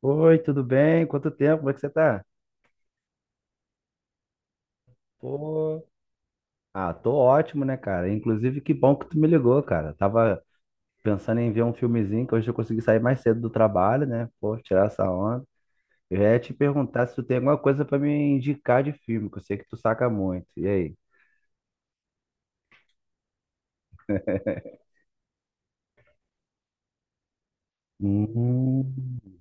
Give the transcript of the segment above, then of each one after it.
Oi, tudo bem? Quanto tempo? Como é que você tá? Pô, ah, tô ótimo, né, cara? Inclusive, que bom que tu me ligou, cara. Tava pensando em ver um filmezinho, que hoje eu consegui sair mais cedo do trabalho, né? Pô, tirar essa onda. Eu ia te perguntar se tu tem alguma coisa pra me indicar de filme, que eu sei que tu saca muito. E aí? Hum.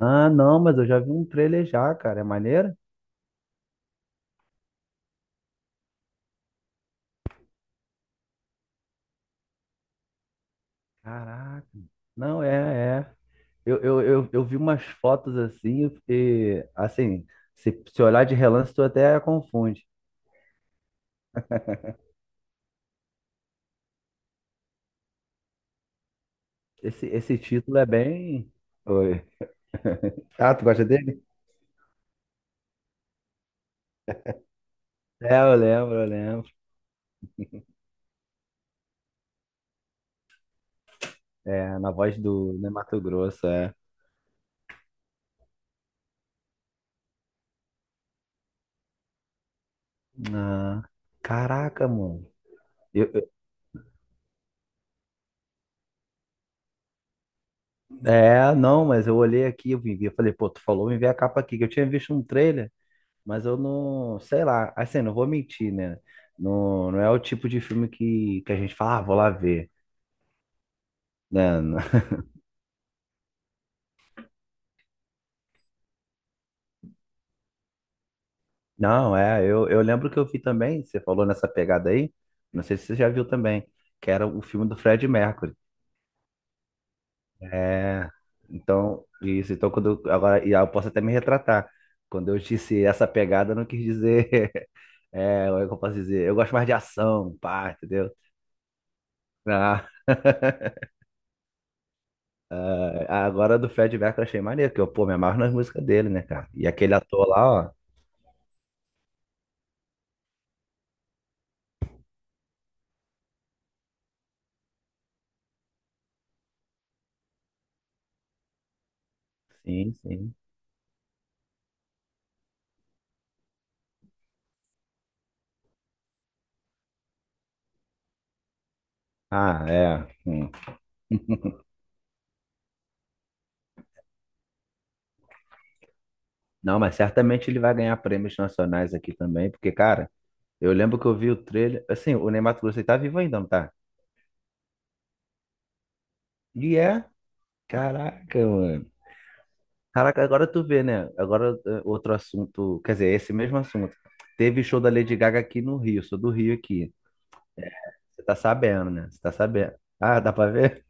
Ah, não, mas eu já vi um trailer já, cara. É maneiro? Caraca. Não, é, é. Eu vi umas fotos assim, e assim, se olhar de relance, tu até confunde. Esse título é bem. Oi. Ah, tu gosta dele? É, eu lembro, eu lembro. É, na voz do né, Mato Grosso, é. Ah, caraca, mano. Eu, eu- É, não, mas eu olhei aqui, eu vim ver, eu falei, pô, tu falou, vem ver a capa aqui, que eu tinha visto um trailer. Mas eu não, sei lá, assim, não vou mentir, né? Não, não é o tipo de filme que a gente fala, ah, vou lá ver, né? Não, é, eu lembro que eu vi também, você falou nessa pegada aí, não sei se você já viu também, que era o filme do Fred Mercury. É, então, isso, então quando eu, agora, e eu posso até me retratar, quando eu disse essa pegada, eu não quis dizer, é, como é que eu posso dizer? Eu gosto mais de ação, pá, entendeu? Ah. É, agora do Fred Mercury eu achei maneiro, porque eu, pô, me amarro nas músicas dele, né, cara? E aquele ator lá, ó. Sim, sim. Ah, é. Hum. Não, mas certamente ele vai ganhar prêmios nacionais aqui também, porque, cara, eu lembro que eu vi o trailer. Assim, o Ney Matogrosso, ele tá vivo ainda, não tá? E é. Caraca, mano. Caraca, agora tu vê, né? Agora outro assunto. Quer dizer, esse mesmo assunto. Teve show da Lady Gaga aqui no Rio, sou do Rio aqui. Você tá sabendo, né? Você tá sabendo. Ah, dá pra ver?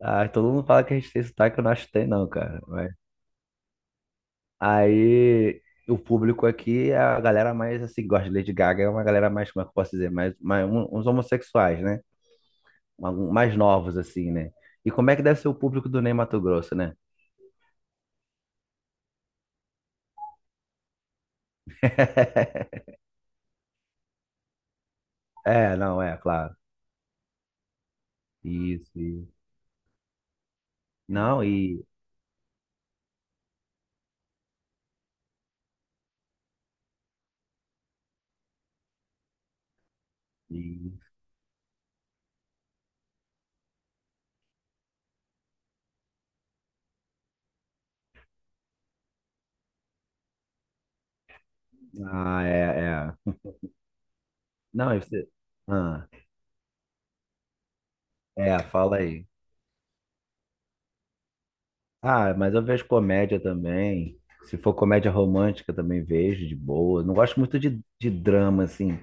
Ah, todo mundo fala que a gente tem sotaque, eu não acho que tem, não, cara. Mas... Aí o público aqui é a galera mais assim, que gosta de Lady Gaga, é uma galera mais, como é que eu posso dizer, mais uns homossexuais, né? Mais novos, assim, né? E como é que deve ser o público do Ney Matogrosso, né? É, não, é, claro. Isso, isso. Não, e- Ah, é, é. Não, e você. Ah, é, fala aí. Ah, mas eu vejo comédia também. Se for comédia romântica, também vejo de boa. Não gosto muito de drama, assim.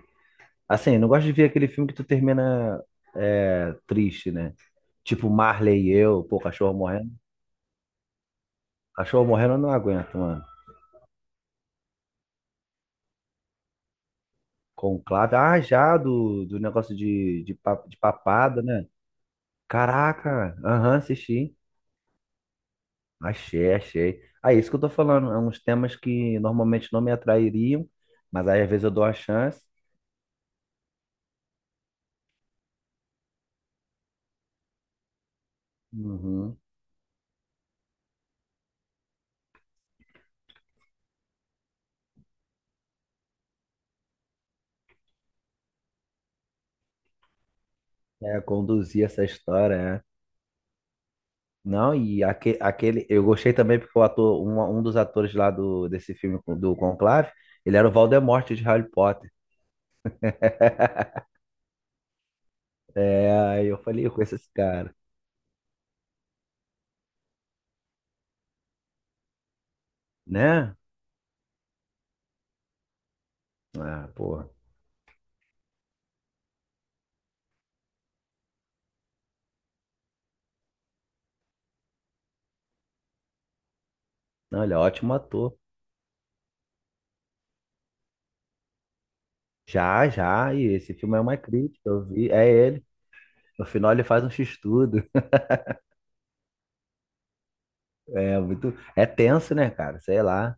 Assim, não gosto de ver aquele filme que tu termina é, triste, né? Tipo Marley e eu, pô, cachorro morrendo. Cachorro morrendo eu não aguento, mano. Conclave. Ah, já, do negócio de papada, né? Caraca, aham, assisti. Achei, achei. Ah, isso que eu tô falando. É uns temas que normalmente não me atrairiam, mas aí às vezes eu dou a chance. Uhum. É, conduzir essa história, né? Não, e aquele, eu gostei também porque o ator, um dos atores lá desse filme do Conclave, ele era o Voldemort de Harry Potter. É, aí eu falei, eu conheço esse cara, né? Ah, porra. Não, ele é ótimo ator. Já, já, e esse filme é uma crítica, eu vi, é ele. No final ele faz um x-tudo. É muito, é tenso, né, cara? Sei lá.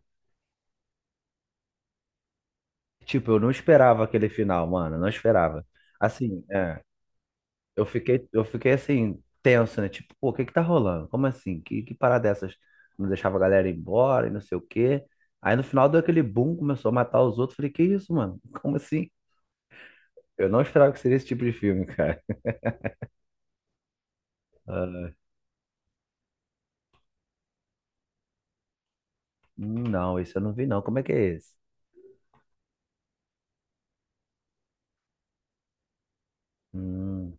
Tipo, eu não esperava aquele final, mano, eu não esperava. Assim, é. Eu fiquei assim, tenso, né? Tipo, pô, o que que tá rolando? Como assim? Que parada dessas? Não deixava a galera ir embora e não sei o quê. Aí no final deu aquele boom, começou a matar os outros. Falei, que isso, mano? Como assim? Eu não esperava que seria esse tipo de filme, cara. Ah, não, isso eu não vi, não. Como é que é esse? Hum,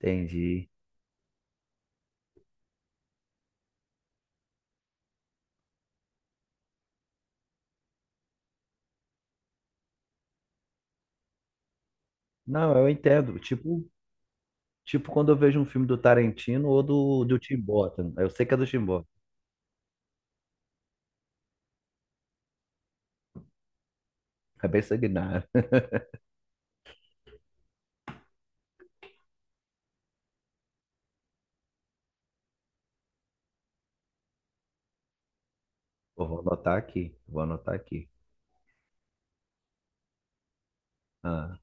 Entendi. Não, eu entendo. Tipo quando eu vejo um filme do Tarantino ou do Tim Burton. Eu sei que é do Tim Burton. É bem sanguinário. Eu vou anotar aqui. Vou anotar aqui. Ah.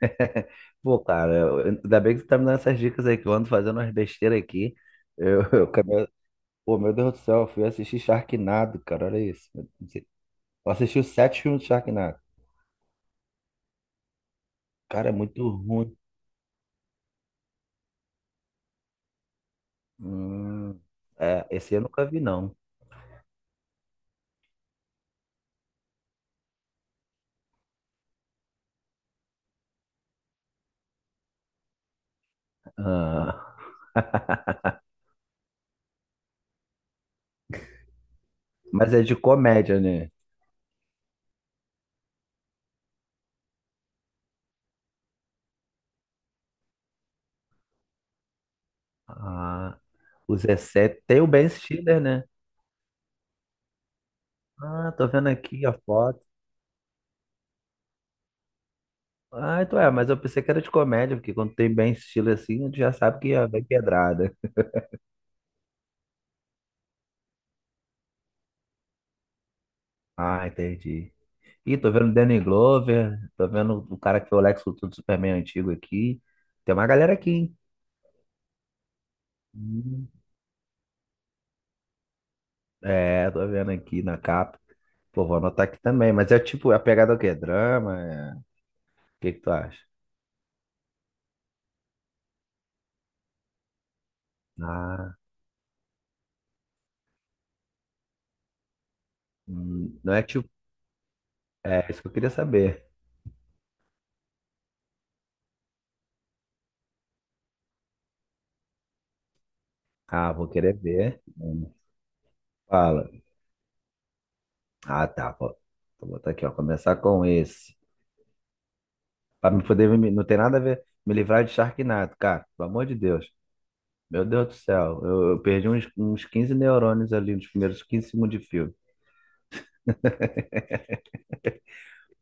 Pô, cara, ainda bem que tu tá me dando essas dicas aí, que eu ando fazendo umas besteiras aqui. Eu, pô, meu Deus do céu, eu fui assistir Sharknado, cara, olha isso. Eu não sei- Eu assisti os sete filmes de Sharknado. Cara, é muito ruim. Hum, É, esse eu nunca vi, não. Ah, mas é de comédia, né? Ah, o Zé Sete tem o Ben Stiller, né? Ah, tô vendo aqui a foto. Ah, então é, mas eu pensei que era de comédia, porque quando tem Ben Stiller assim, a gente já sabe que já vem pedrada. Ah, entendi. Ih, tô vendo Danny Glover, tô vendo o cara que foi o Lex Luthor do Superman antigo aqui. Tem uma galera aqui, hein? Hum. É, tô vendo aqui na capa. Pô, vou anotar aqui também. Mas é tipo, é a pegada é o quê? Drama? O que que tu acha? Ah, não é tipo. É isso que eu queria saber. Ah, vou querer ver. Fala. Ah, tá. Vou botar aqui, ó. Começar com esse. Pra me poder. Não tem nada a ver. Me livrar de Sharknado, cara. Pelo amor de Deus. Meu Deus do céu, eu perdi uns 15 neurônios ali nos primeiros 15 segundos de filme.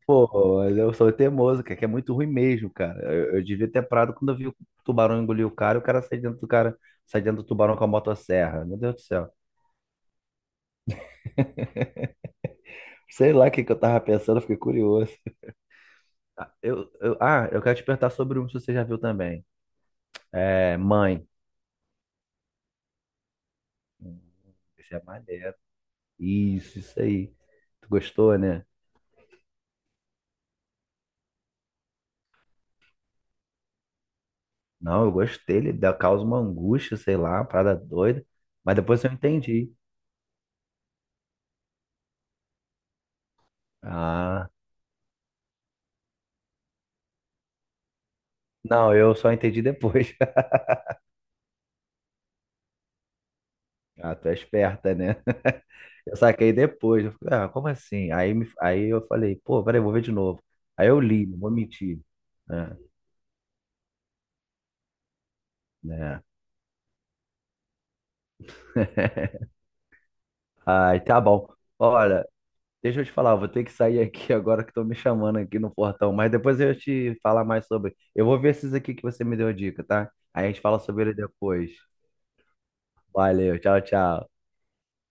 Pô, mas eu sou teimoso, cara, que é muito ruim mesmo, cara. Eu devia ter parado quando eu vi o tubarão engolir o cara e o cara sai dentro do cara, sai dentro do tubarão com a motosserra. Meu Deus do céu. Sei lá o que, que eu tava pensando, eu fiquei curioso. Ah, eu quero te perguntar sobre um que você já viu também. É, Mãe. Hum, Esse é maneiro. Isso aí. Tu gostou, né? Não, eu gostei, ele causa uma angústia, sei lá, uma parada doida. Mas depois eu entendi. Ah, não, eu só entendi depois. Ah, tu é esperta, né? Eu saquei depois. Eu falei, ah, como assim? Aí eu falei, pô, peraí, vou ver de novo. Aí eu li, não vou mentir. Né? Né? Ai, tá bom. Olha, deixa eu te falar, eu vou ter que sair aqui agora que estão me chamando aqui no portão, mas depois eu te falar mais sobre. Eu vou ver esses aqui que você me deu a dica, tá? Aí a gente fala sobre ele depois. Valeu, tchau, tchau.